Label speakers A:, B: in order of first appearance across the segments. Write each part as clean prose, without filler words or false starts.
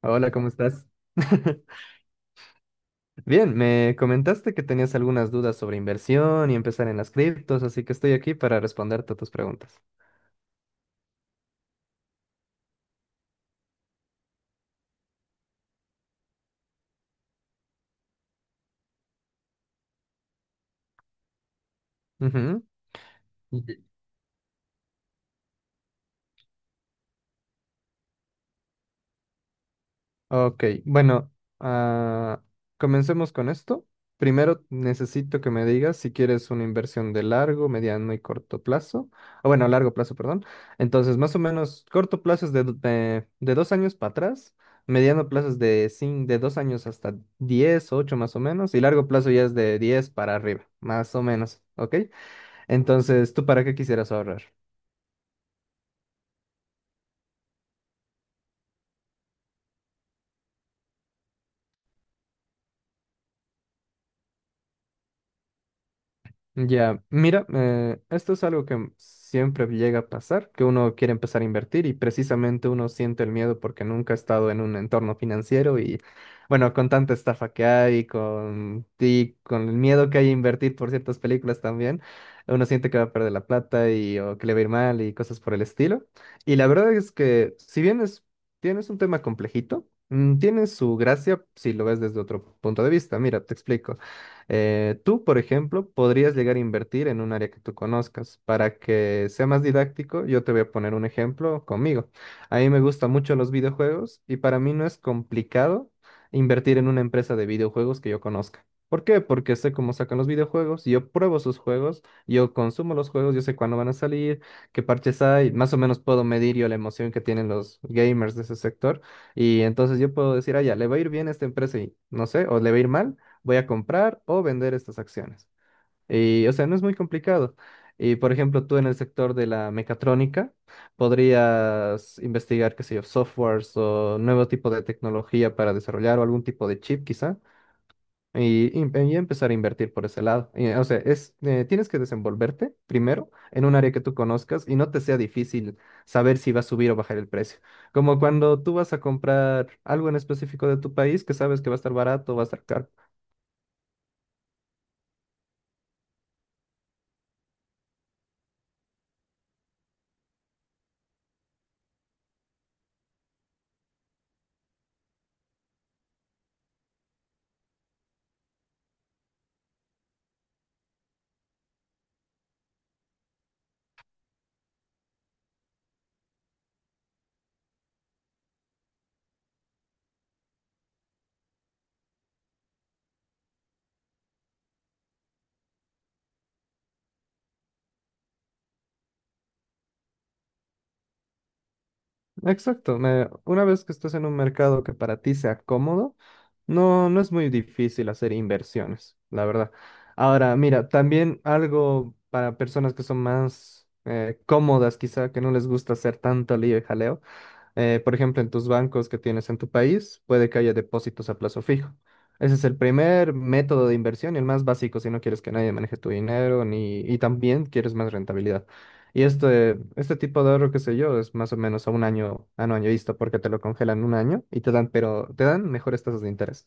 A: Hola, ¿cómo estás? Bien, me comentaste que tenías algunas dudas sobre inversión y empezar en las criptos, así que estoy aquí para responderte a tus preguntas. Ujú. Ok, bueno, ah, comencemos con esto. Primero necesito que me digas si quieres una inversión de largo, mediano y corto plazo. O bueno, largo plazo, perdón. Entonces, más o menos, corto plazo es de 2 años para atrás, mediano plazo es de 2 años hasta 10, 8 más o menos, y largo plazo ya es de 10 para arriba, más o menos, ¿ok? Entonces, ¿tú para qué quisieras ahorrar? Ya, mira, esto es algo que siempre llega a pasar, que uno quiere empezar a invertir y precisamente uno siente el miedo porque nunca ha estado en un entorno financiero y bueno, con tanta estafa que hay, y con el miedo que hay a invertir por ciertas películas también, uno siente que va a perder la plata y o que le va a ir mal y cosas por el estilo. Y la verdad es que si bien tienes un tema complejito, tiene su gracia si lo ves desde otro punto de vista. Mira, te explico. Tú, por ejemplo, podrías llegar a invertir en un área que tú conozcas. Para que sea más didáctico, yo te voy a poner un ejemplo conmigo. A mí me gustan mucho los videojuegos y para mí no es complicado invertir en una empresa de videojuegos que yo conozca. ¿Por qué? Porque sé cómo sacan los videojuegos, yo pruebo sus juegos, yo consumo los juegos, yo sé cuándo van a salir, qué parches hay, más o menos puedo medir yo la emoción que tienen los gamers de ese sector y entonces yo puedo decir, ah, ya, le va a ir bien a esta empresa y no sé, o le va a ir mal, voy a comprar o vender estas acciones. Y, o sea, no es muy complicado. Y, por ejemplo, tú en el sector de la mecatrónica podrías investigar, qué sé yo, softwares o nuevo tipo de tecnología para desarrollar o algún tipo de chip quizá y, y empezar a invertir por ese lado. Y, o sea, tienes que desenvolverte primero en un área que tú conozcas y no te sea difícil saber si va a subir o bajar el precio. Como cuando tú vas a comprar algo en específico de tu país que sabes que va a estar barato o va a estar caro. Exacto, una vez que estés en un mercado que para ti sea cómodo, no, no es muy difícil hacer inversiones, la verdad. Ahora, mira, también algo para personas que son más cómodas, quizá que no les gusta hacer tanto lío y jaleo. Por ejemplo, en tus bancos que tienes en tu país, puede que haya depósitos a plazo fijo. Ese es el primer método de inversión y el más básico si no quieres que nadie maneje tu dinero ni, y también quieres más rentabilidad. Y este tipo de ahorro, qué sé yo, es más o menos a un año vista porque te lo congelan un año y te dan, pero te dan mejores tasas de interés.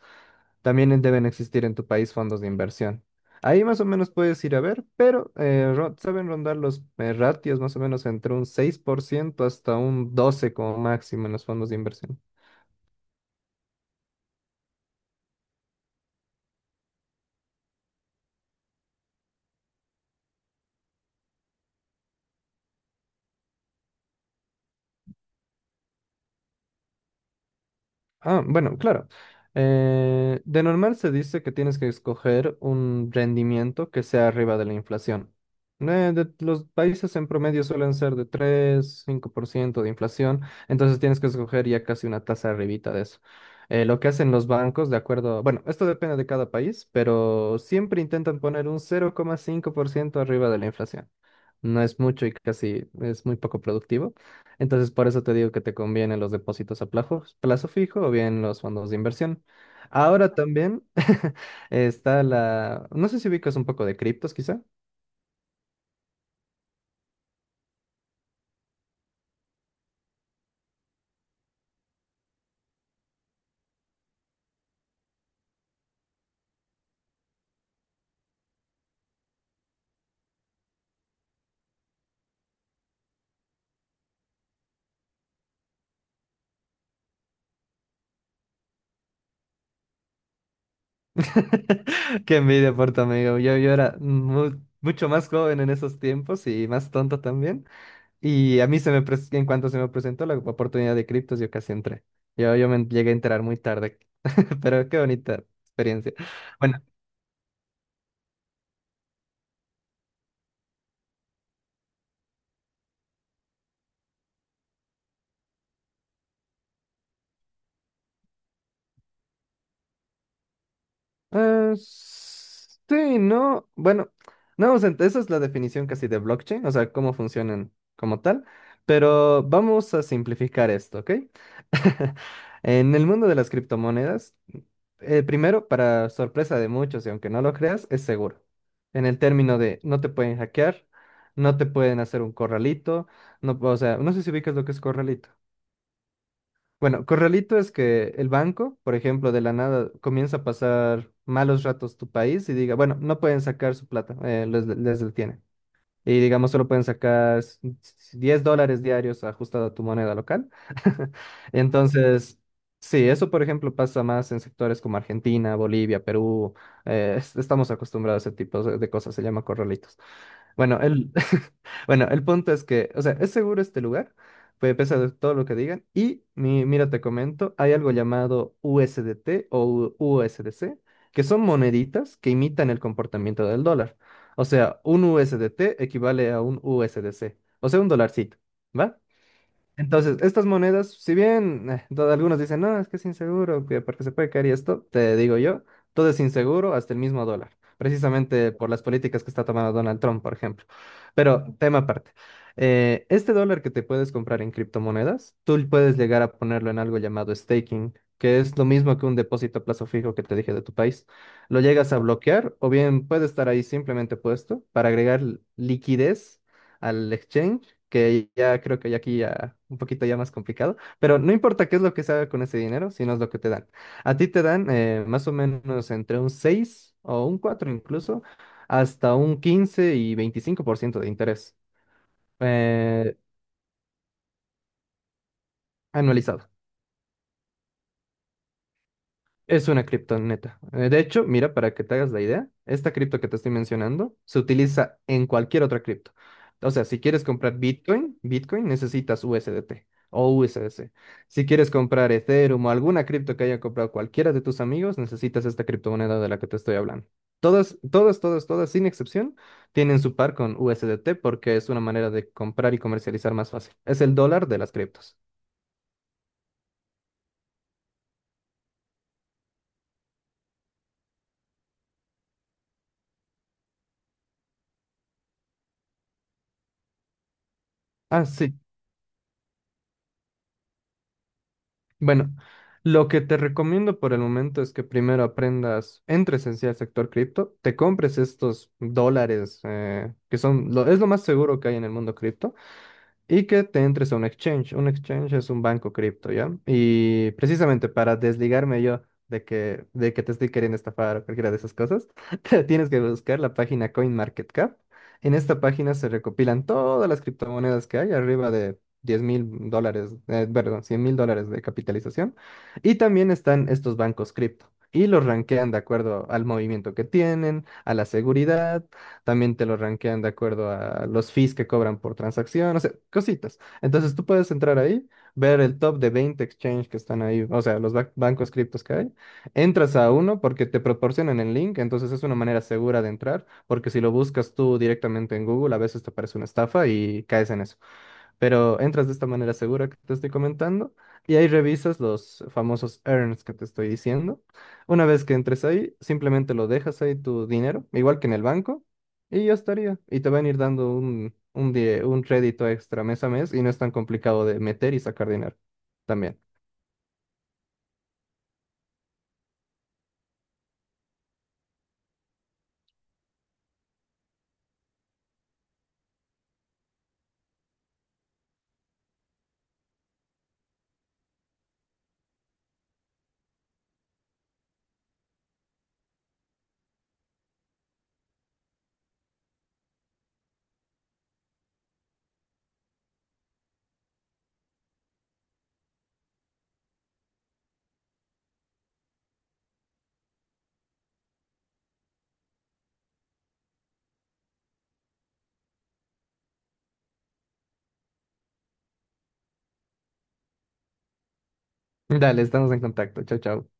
A: También deben existir en tu país fondos de inversión. Ahí más o menos puedes ir a ver, pero saben rondar los ratios más o menos entre un 6% hasta un 12% como máximo en los fondos de inversión. Ah, bueno, claro. De normal se dice que tienes que escoger un rendimiento que sea arriba de la inflación. Los países en promedio suelen ser de 3-5% de inflación, entonces tienes que escoger ya casi una tasa arribita de eso. Lo que hacen los bancos, de acuerdo, bueno, esto depende de cada país, pero siempre intentan poner un 0,5% arriba de la inflación, no es mucho y casi es muy poco productivo. Entonces, por eso te digo que te convienen los depósitos a plazo, plazo fijo o bien los fondos de inversión. Ahora también está no sé si ubicas un poco de criptos, quizá. Qué envidia por tu amigo. Yo era mucho más joven en esos tiempos y más tonto también. Y a mí en cuanto se me presentó la oportunidad de criptos, yo casi entré. Yo me llegué a enterar muy tarde, pero qué bonita experiencia. Bueno, sí, no. Bueno, no, o sea, esa es la definición casi de blockchain, o sea, cómo funcionan como tal. Pero vamos a simplificar esto, ¿ok? En el mundo de las criptomonedas, primero, para sorpresa de muchos, y aunque no lo creas, es seguro. En el término de no te pueden hackear, no te pueden hacer un corralito, no, o sea, no sé si ubicas lo que es corralito. Bueno, corralito es que el banco, por ejemplo, de la nada comienza a pasar malos ratos tu país y diga, bueno, no pueden sacar su plata, les detiene. Y digamos, solo pueden sacar $10 diarios ajustado a tu moneda local. Entonces, sí, eso, por ejemplo, pasa más en sectores como Argentina, Bolivia, Perú. Estamos acostumbrados a ese tipo de cosas, se llama corralitos. Bueno, bueno, el punto es que, o sea, es seguro este lugar, pues a pesar de todo lo que digan. Y mira, te comento, hay algo llamado USDT o USDC, que son moneditas que imitan el comportamiento del dólar. O sea, un USDT equivale a un USDC, o sea, un dolarcito, ¿va? Entonces, estas monedas, si bien algunos dicen, no, es que es inseguro, que porque se puede caer y esto, te digo yo, todo es inseguro hasta el mismo dólar, precisamente por las políticas que está tomando Donald Trump, por ejemplo. Pero tema aparte, este dólar que te puedes comprar en criptomonedas, tú puedes llegar a ponerlo en algo llamado staking, que es lo mismo que un depósito a plazo fijo que te dije de tu país. Lo llegas a bloquear o bien puede estar ahí simplemente puesto para agregar liquidez al exchange, que ya creo que ya aquí ya un poquito ya más complicado, pero no importa qué es lo que se haga con ese dinero, sino es lo que te dan. A ti te dan más o menos entre un 6 o un 4 incluso, hasta un 15 y 25% de interés eh, anualizado. Es una criptoneta. De hecho, mira, para que te hagas la idea, esta cripto que te estoy mencionando se utiliza en cualquier otra cripto. O sea, si quieres comprar Bitcoin, Bitcoin necesitas USDT o USDC. Si quieres comprar Ethereum o alguna cripto que haya comprado cualquiera de tus amigos, necesitas esta criptomoneda de la que te estoy hablando. Todas, todas, todas, todas, sin excepción, tienen su par con USDT porque es una manera de comprar y comercializar más fácil. Es el dólar de las criptos. Ah, sí, bueno, lo que te recomiendo por el momento es que primero aprendas, entres en sí al sector cripto, te compres estos dólares que son es lo más seguro que hay en el mundo cripto y que te entres a un exchange. Un exchange es un banco cripto, ¿ya? Y precisamente para desligarme yo de que te estoy queriendo estafar o cualquiera de esas cosas, te tienes que buscar la página CoinMarketCap. En esta página se recopilan todas las criptomonedas que hay, arriba de $10.000, perdón, $100.000 de capitalización. Y también están estos bancos cripto. Y los rankean de acuerdo al movimiento que tienen, a la seguridad, también te lo rankean de acuerdo a los fees que cobran por transacción, o sea, cositas. Entonces tú puedes entrar ahí, ver el top de 20 exchange que están ahí, o sea, los bancos criptos que hay. Entras a uno porque te proporcionan el link, entonces es una manera segura de entrar, porque si lo buscas tú directamente en Google, a veces te aparece una estafa y caes en eso. Pero entras de esta manera segura que te estoy comentando y ahí revisas los famosos earns que te estoy diciendo. Una vez que entres ahí, simplemente lo dejas ahí tu dinero, igual que en el banco, y ya estaría. Y te van a ir dando un, un crédito extra mes a mes y no es tan complicado de meter y sacar dinero también. Dale, estamos en contacto. Chao, chao.